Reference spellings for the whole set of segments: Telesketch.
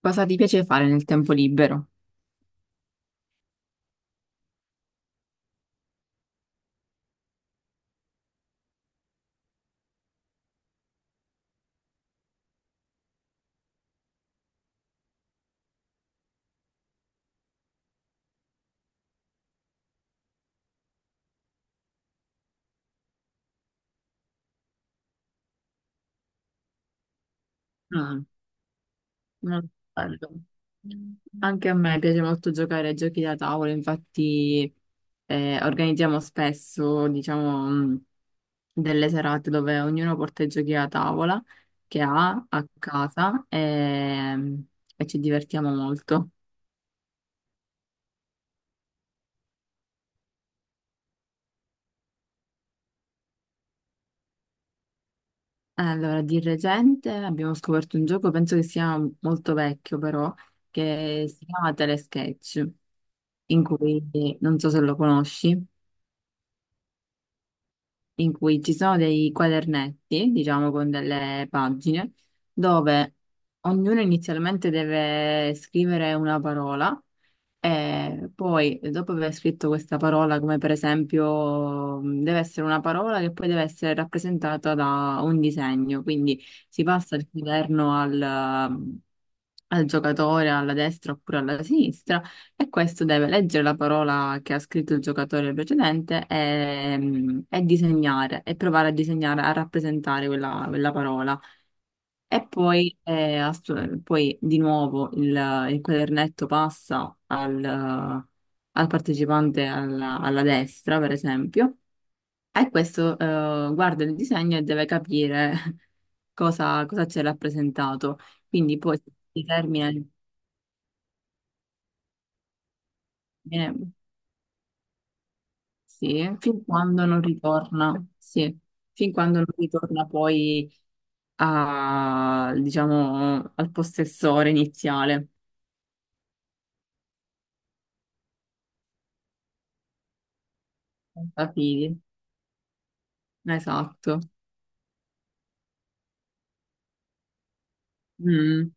Cosa ti piace fare nel tempo libero? Ah, molto bello. Anche a me piace molto giocare a giochi da tavolo. Infatti organizziamo spesso, diciamo, delle serate dove ognuno porta i giochi da tavola che ha a casa e ci divertiamo molto. Allora, di recente abbiamo scoperto un gioco, penso che sia molto vecchio però, che si chiama Telesketch, in cui, non so se lo conosci, in cui ci sono dei quadernetti, diciamo con delle pagine, dove ognuno inizialmente deve scrivere una parola e poi, dopo aver scritto questa parola, come per esempio, deve essere una parola che poi deve essere rappresentata da un disegno. Quindi si passa dal governo al, al giocatore alla destra oppure alla sinistra e questo deve leggere la parola che ha scritto il giocatore precedente e disegnare e provare a disegnare, a rappresentare quella parola. E poi, poi di nuovo il quadernetto passa al, al partecipante alla, alla destra, per esempio, e questo guarda il disegno e deve capire cosa, cosa c'è rappresentato. Quindi poi si termina, viene- sì, fin quando non ritorna, sì, fin quando non ritorna poi a, diciamo, al possessore iniziale. Capiti? Esatto. Mm,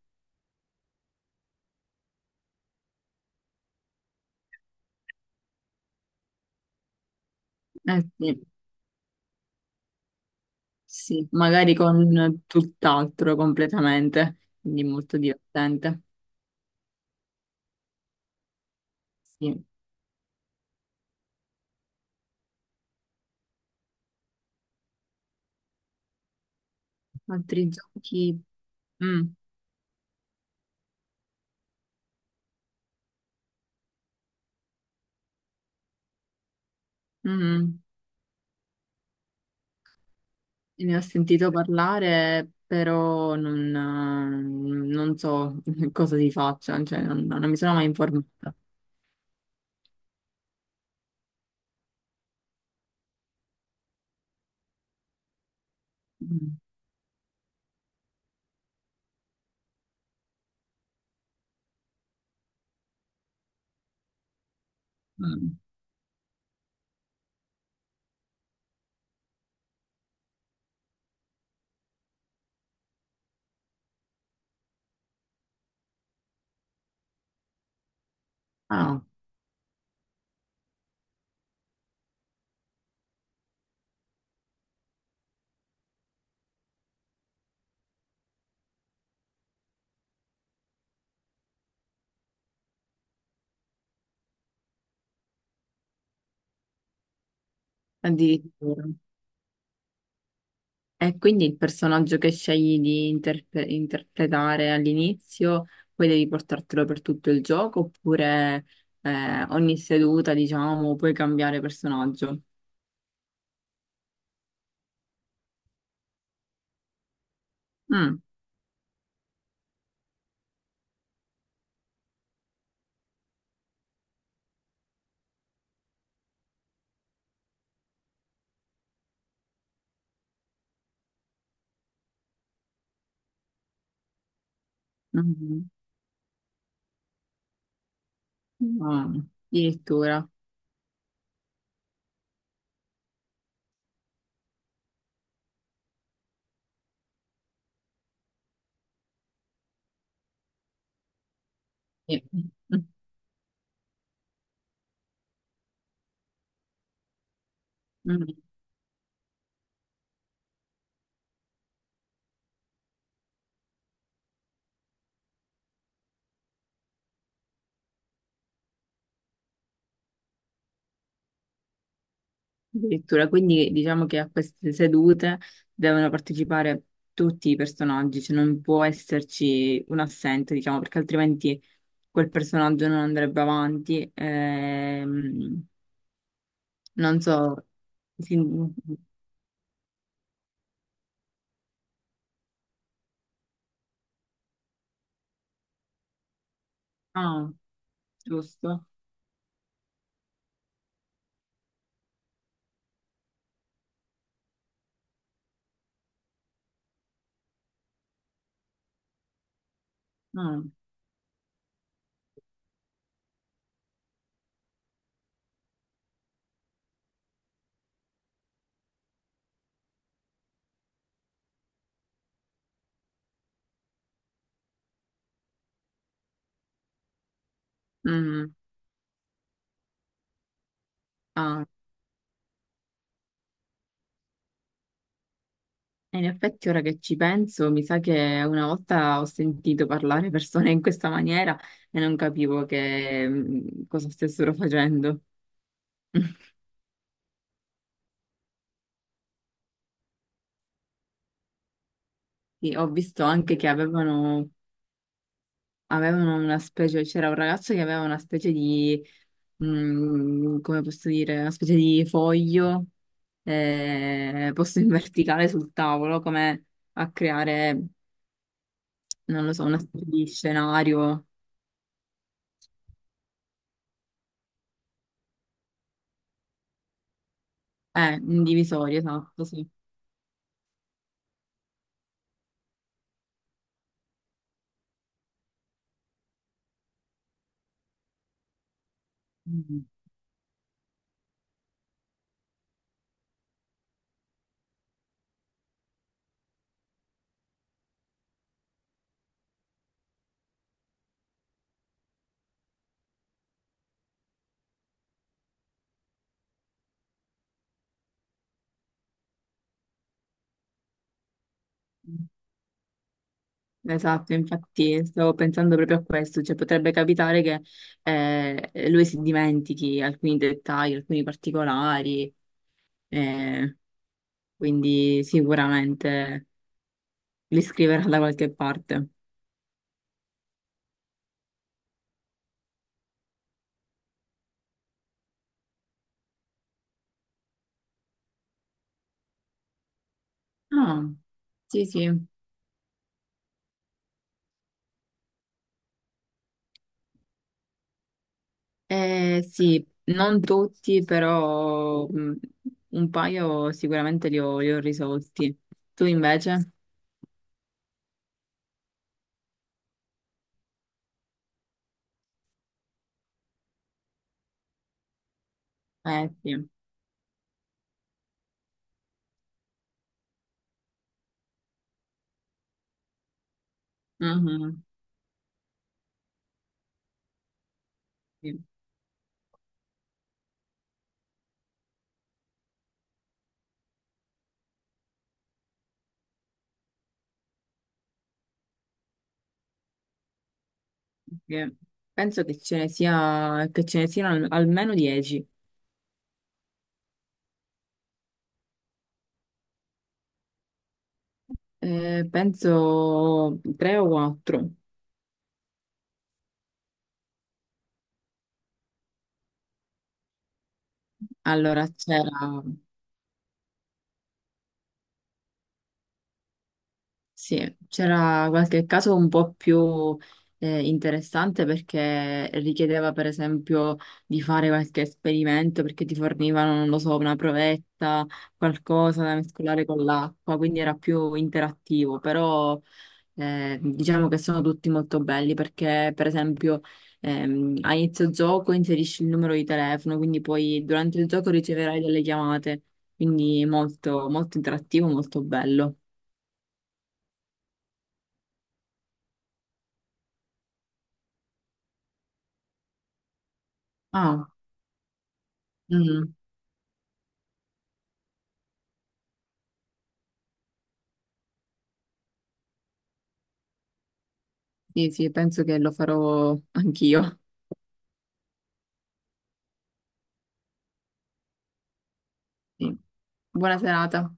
eh sì, sì, magari con tutt'altro completamente, quindi molto divertente. Sì. Altri giochi, mm, mm, mm, ne ho sentito parlare, però non, non so cosa si faccia, cioè non, non mi sono mai informata. Mm, mm. Ah, addirittura. E quindi il personaggio che scegli di interpretare all'inizio, poi devi portartelo per tutto il gioco, oppure ogni seduta, diciamo, puoi cambiare personaggio. Mm, mhm. No, addirittura. Sì. Mm, addirittura, quindi diciamo che a queste sedute devono partecipare tutti i personaggi, cioè non può esserci un assente, diciamo, perché altrimenti quel personaggio non andrebbe avanti. Non so. Sì. Ah, giusto. Ah, mm, ah. E in effetti, ora che ci penso, mi sa che una volta ho sentito parlare persone in questa maniera e non capivo che, cosa stessero facendo. Sì, ho visto anche che avevano una specie, c'era un ragazzo che aveva una specie di, come posso dire, una specie di foglio posto in verticale sul tavolo, come a creare. Non lo so, una specie di scenario, indivisorio, esatto, sì. Mm. Esatto, infatti stavo pensando proprio a questo, cioè potrebbe capitare che lui si dimentichi alcuni dettagli, alcuni particolari, eh, quindi sicuramente li scriverà da qualche parte. Ah, sì, sì. Sì, non tutti, però un paio sicuramente li ho risolti. Tu invece? Eh sì. Mhm. Sì, perché penso che ce ne sia, che ce ne siano almeno 10. Penso 3 o 4. Allora c'era sì, c'era qualche caso un po' più interessante perché richiedeva per esempio di fare qualche esperimento perché ti fornivano, non lo so, una provetta, qualcosa da mescolare con l'acqua, quindi era più interattivo, però. Diciamo che sono tutti molto belli perché, per esempio, a inizio gioco inserisci il numero di telefono, quindi poi durante il gioco riceverai delle chiamate, quindi molto, molto interattivo, molto bello. Ah, mm, sì, sì, penso che lo farò anch'io. Sì. Buona serata.